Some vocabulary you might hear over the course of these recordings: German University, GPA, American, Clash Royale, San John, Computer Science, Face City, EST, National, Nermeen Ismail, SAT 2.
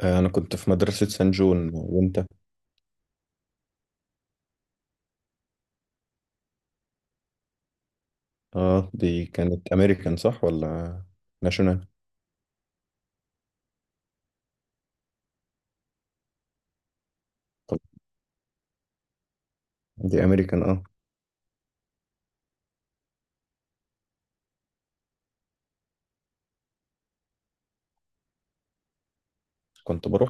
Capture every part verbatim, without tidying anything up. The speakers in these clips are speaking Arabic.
آه، أنا كنت في مدرسة سان جون وأنت؟ آه، دي كانت أمريكان صح ولا ناشونال؟ دي أمريكان آه. كنت بروح.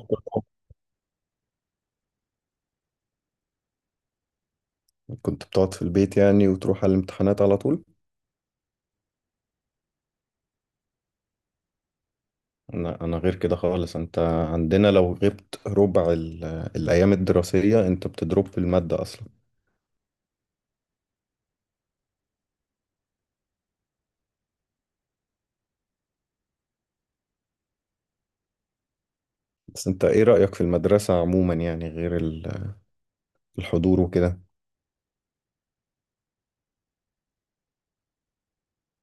كنت بتقعد في البيت يعني وتروح على الامتحانات على طول؟ أنا أنا غير كده خالص. أنت عندنا لو غبت ربع ال- الأيام الدراسية، أنت بتضرب في المادة أصلا. بس أنت إيه رأيك في المدرسة عموما يعني غير ال- الحضور وكده؟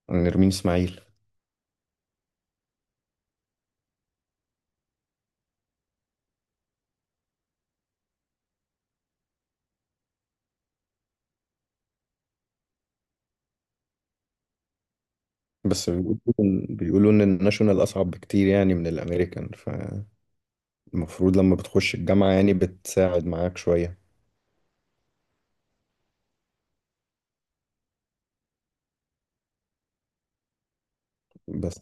نرمين إسماعيل. بس بيقولوا بيقولوا إن الناشونال أصعب بكتير يعني من الأمريكان، ف المفروض لما بتخش الجامعة يعني بتساعد معاك شوية. بس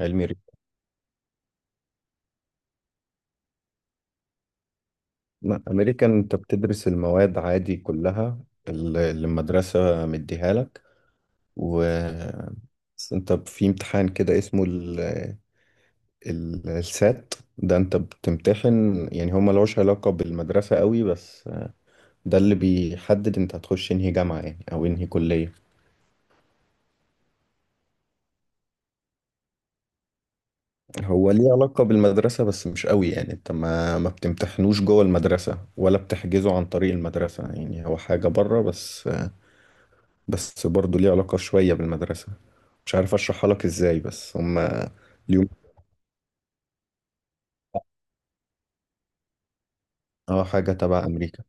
علمي رياضة. لا، أمريكا أنت بتدرس المواد عادي كلها اللي اللي المدرسة مديها لك. و بس أنت في امتحان كده اسمه ال... ال- السات ده أنت بتمتحن، يعني هو ملوش علاقة بالمدرسة قوي، بس ده اللي بيحدد أنت هتخش انهي جامعة يعني أو انهي كلية. هو ليه علاقة بالمدرسة بس مش قوي، يعني انت ما ما بتمتحنوش جوه المدرسة ولا بتحجزه عن طريق المدرسة، يعني هو حاجة بره بس. بس برضه ليه علاقة شوية بالمدرسة. مش عارف اشرحها لك ازاي بس هم اليوم. اه، حاجة تبع امريكا.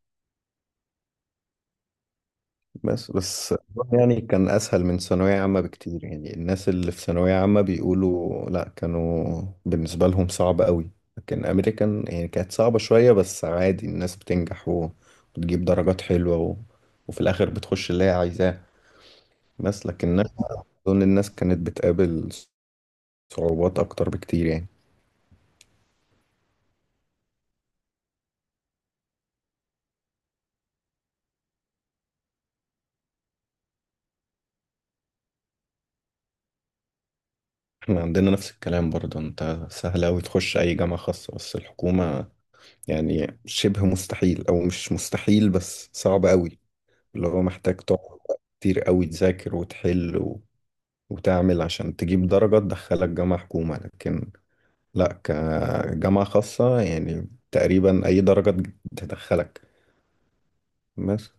بس، بس يعني كان أسهل من ثانوية عامة بكتير، يعني الناس اللي في ثانوية عامة بيقولوا لأ، كانوا بالنسبة لهم صعب قوي. لكن أمريكان يعني كانت صعبة شوية بس عادي، الناس بتنجح و- وتجيب درجات حلوة و... وفي الآخر بتخش اللي هي عايزاه. بس لكن أنا أظن الناس كانت بتقابل صعوبات أكتر بكتير يعني. احنا عندنا نفس الكلام برضه. انت سهل أوي تخش أي جامعة خاصة، بس الحكومة يعني شبه مستحيل، أو مش مستحيل بس صعب أوي. اللي هو محتاج تقعد كتير قوي تذاكر وتحل و... وتعمل عشان تجيب درجة تدخلك جامعة حكومة. لكن لا كجامعة خاصة يعني تقريبا أي درجة تدخلك. بس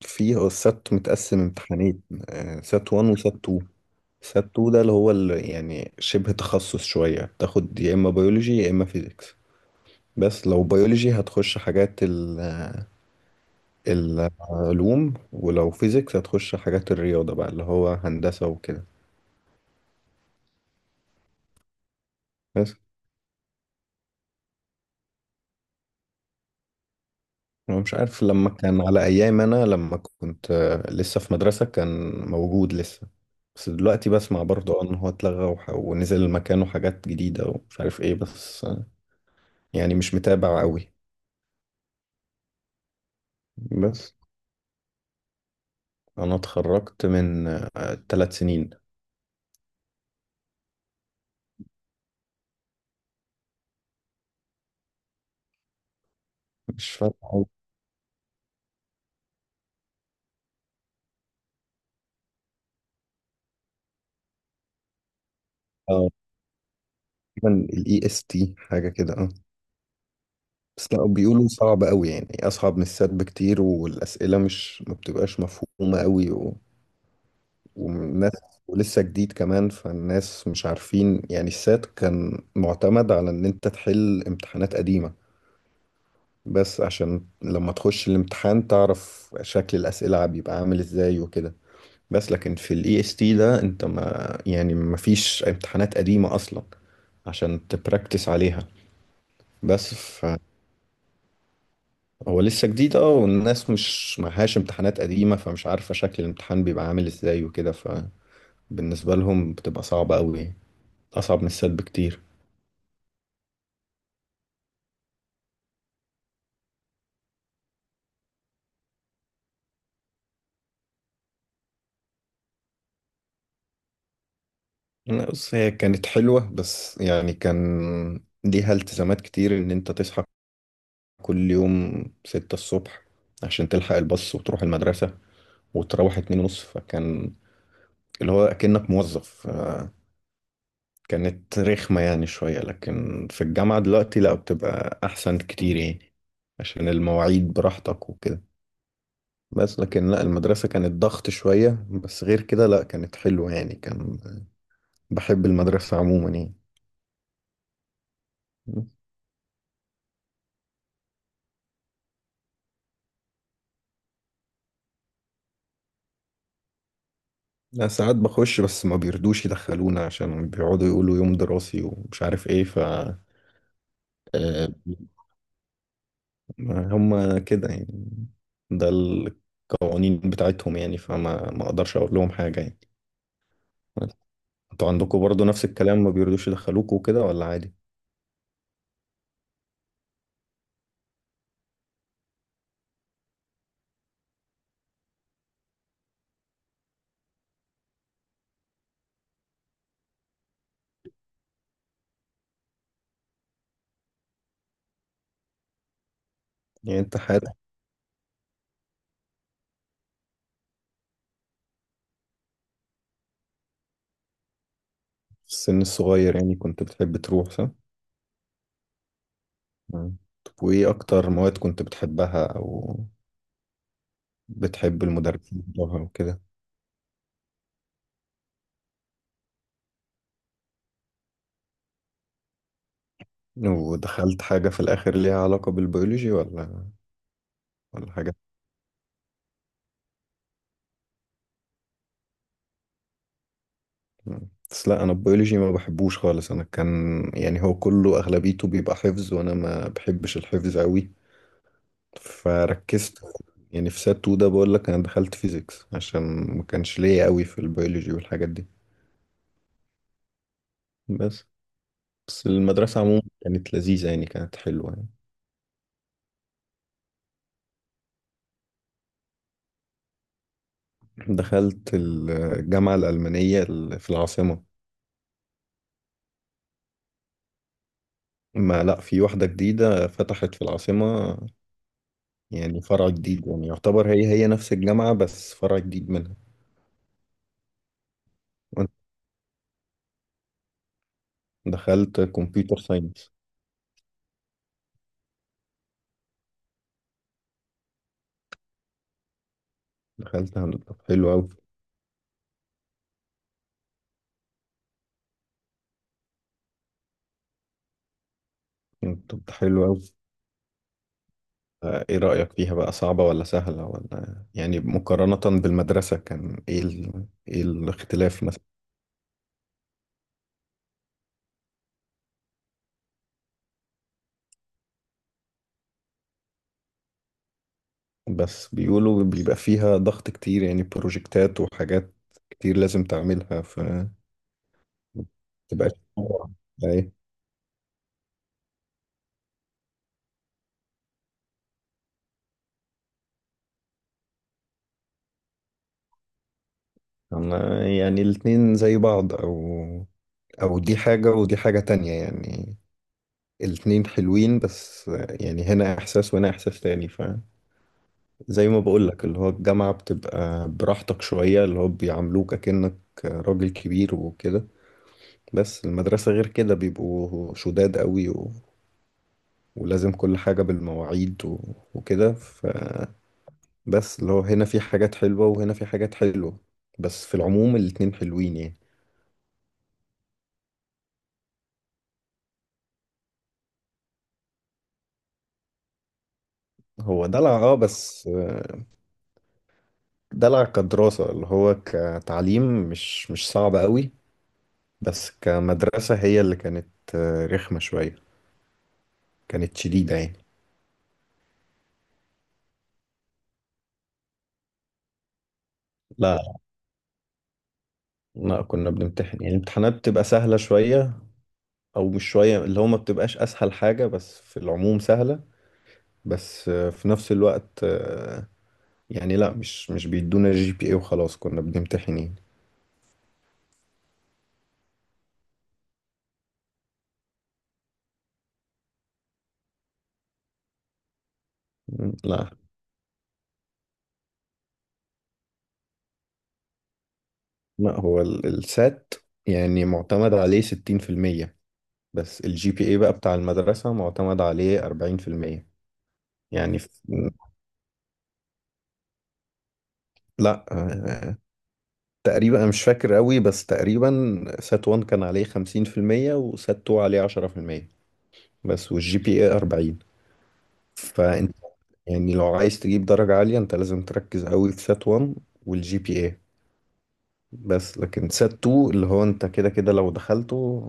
فيه السات متقسم امتحانين. آه، سات واحد وسات اتنين. سات اتنين ده اللي هو اللي يعني شبه تخصص شوية. تاخد يا إما بيولوجي يا إما فيزيكس. بس لو بيولوجي هتخش حاجات ال... العلوم، ولو فيزيكس هتخش حاجات الرياضة بقى اللي هو هندسة وكده. بس أنا مش عارف. لما كان على أيام أنا، لما كنت آه، لسه في مدرسة، كان موجود لسه. بس دلوقتي بسمع برضه آه، إن هو اتلغى وح- ونزل مكانه حاجات جديدة ومش عارف إيه، بس آه، يعني مش متابع قوي. بس أنا اتخرجت من آه، تلات سنين. مش فاكر. اه، تقريبا ال إي إس تي، حاجة كده اه. بس لا، بيقولوا صعب قوي يعني أصعب من السات بكتير، والأسئلة مش ما بتبقاش مفهومة قوي. والناس، ولسه جديد كمان، فالناس مش عارفين. يعني السات كان معتمد على ان انت تحل امتحانات قديمة بس عشان لما تخش الامتحان تعرف شكل الأسئلة بيبقى عامل ازاي وكده. بس لكن في الاي اس تي ده، انت ما يعني ما فيش امتحانات قديمة اصلا عشان تبراكتس عليها، بس فهو لسه جديد اه. والناس مش معهاش امتحانات قديمة، فمش عارفة شكل الامتحان بيبقى عامل ازاي وكده. فبالنسبة لهم بتبقى صعبة قوي، أصعب من السد بكتير. أنا بص، هي كانت حلوة بس يعني كان ليها التزامات كتير، إن أنت تصحى كل يوم ستة الصبح عشان تلحق الباص وتروح المدرسة، وتروح اتنين ونص. فكان اللي هو أكنك موظف آه، كانت رخمة يعني شوية، لكن في الجامعة دلوقتي لأ، بتبقى أحسن كتير يعني. عشان المواعيد براحتك وكده. بس لكن لأ، المدرسة كانت ضغط شوية، بس غير كده لأ كانت حلوة يعني، كان بحب المدرسة عموما يعني. لا، ساعات بخش بس ما بيرضوش يدخلونا، عشان بيقعدوا يقولوا يوم دراسي ومش عارف ايه، ف آه، هم كده يعني. ده القوانين بتاعتهم يعني، فما ما اقدرش اقول لهم حاجة يعني. انتوا عندكم برضو نفس الكلام، ما بيرضوش يدخلوكوا وكده، ولا عادي؟ يعني انت حياتك في السن الصغير يعني كنت بتحب تروح صح؟ مم. طب وايه اكتر مواد كنت بتحبها، او بتحب المدرسين بتوعها وكده؟ ودخلت حاجة في الآخر ليها علاقة بالبيولوجي، ولا ولا حاجة؟ مم. بس لا، انا البيولوجي ما بحبوش خالص. انا كان يعني هو كله اغلبيته بيبقى حفظ، وانا ما بحبش الحفظ قوي. فركزت يعني في سات اتنين ده، بقول لك انا دخلت فيزيكس عشان ما كانش ليا قوي في البيولوجي والحاجات دي. بس بس المدرسة عموما كانت لذيذة يعني، كانت حلوة يعني. دخلت الجامعة الألمانية ال- في العاصمة. ما لا، في واحدة جديدة فتحت في العاصمة. يعني فرع جديد، يعني يعتبر هي هي نفس الجامعة بس فرع جديد منها. دخلت كمبيوتر ساينس. دخلت هندسة. طب حلو أوي. طب ده حلو أوي. آه، إيه رأيك فيها بقى، صعبة ولا سهلة، ولا يعني مقارنة بالمدرسة كان إيه ال... إيه الاختلاف مثلا؟ بس بيقولوا بيبقى فيها ضغط كتير، يعني بروجكتات وحاجات كتير لازم تعملها، ف تبقى أي. أنا يعني الاتنين زي بعض، أو أو دي حاجة ودي حاجة تانية يعني. الاتنين حلوين بس. يعني هنا إحساس وهنا إحساس تاني. زي ما بقولك اللي هو الجامعة بتبقى براحتك شوية، اللي هو بيعاملوك أكنك راجل كبير وكده. بس المدرسة غير كده، بيبقوا شداد قوي و... ولازم كل حاجة بالمواعيد و... وكده. فبس اللي هو هنا في حاجات حلوة وهنا في حاجات حلوة. بس في العموم الاتنين حلوين يعني. هو دلع اه، بس آه، دلع كدراسة، اللي هو كتعليم مش مش صعب قوي. بس كمدرسة، هي اللي كانت آه، رخمة شوية. كانت شديدة يعني. لا، لا كنا بنمتحن يعني، الامتحانات بتبقى سهلة شوية، أو مش شوية، اللي هو ما بتبقاش أسهل حاجة بس في العموم سهلة. بس آه، في نفس الوقت آه، يعني لا، مش مش بيدونا جي بي اي وخلاص، كنا بنمتحن يعني. م، لا. لا، هو ال- السات يعني معتمد عليه ستين في المية. بس الجي بي اي بقى بتاع المدرسة معتمد عليه أربعين في المية، يعني في. لا آه، تقريبا أنا مش فاكر قوي، بس تقريبا سات واحد كان عليه خمسين في المية وسات اتنين عليه عشرة في المية. بس والجي بي اي أربعين. فانت يعني لو عايز تجيب درجة عالية، انت لازم تركز قوي في سات واحد والجي بي اي. بس لكن سات اتنين، اللي هو انت كده كده لو دخلته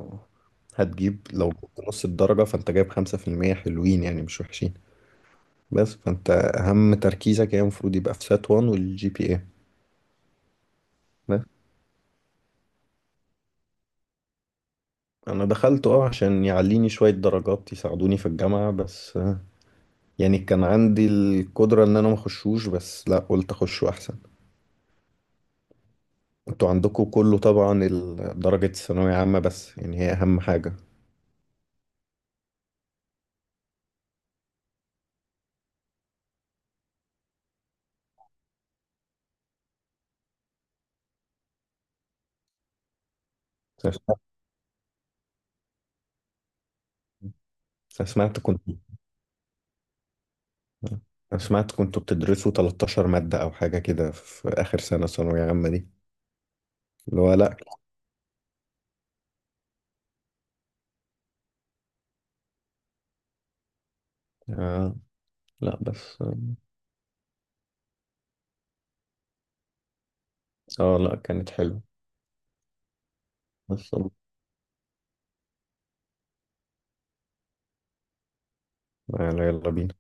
هتجيب، لو جبت نص الدرجة فانت جايب خمسة في المية، حلوين يعني مش وحشين. بس فانت اهم تركيزك يعني المفروض يبقى في سات واحد والجي بي اي. بس انا دخلت اه، عشان يعليني شوية درجات يساعدوني في الجامعة بس آه، يعني كان عندي القدرة ان انا ما اخشوش، بس لا قلت اخشه احسن. انتوا عندكم كله طبعا ال- درجة الثانوية عامة، بس يعني هي أهم حاجة. أنا سمعت أنا سمعت كنت أنا سمعت كنتوا بتدرسوا 13 مادة أو حاجة كده في آخر سنة ثانوية عامة دي، اللي هو لأ. آه لأ، بس آه. آه، لأ كانت حلوة. بس يلا يلا بينا.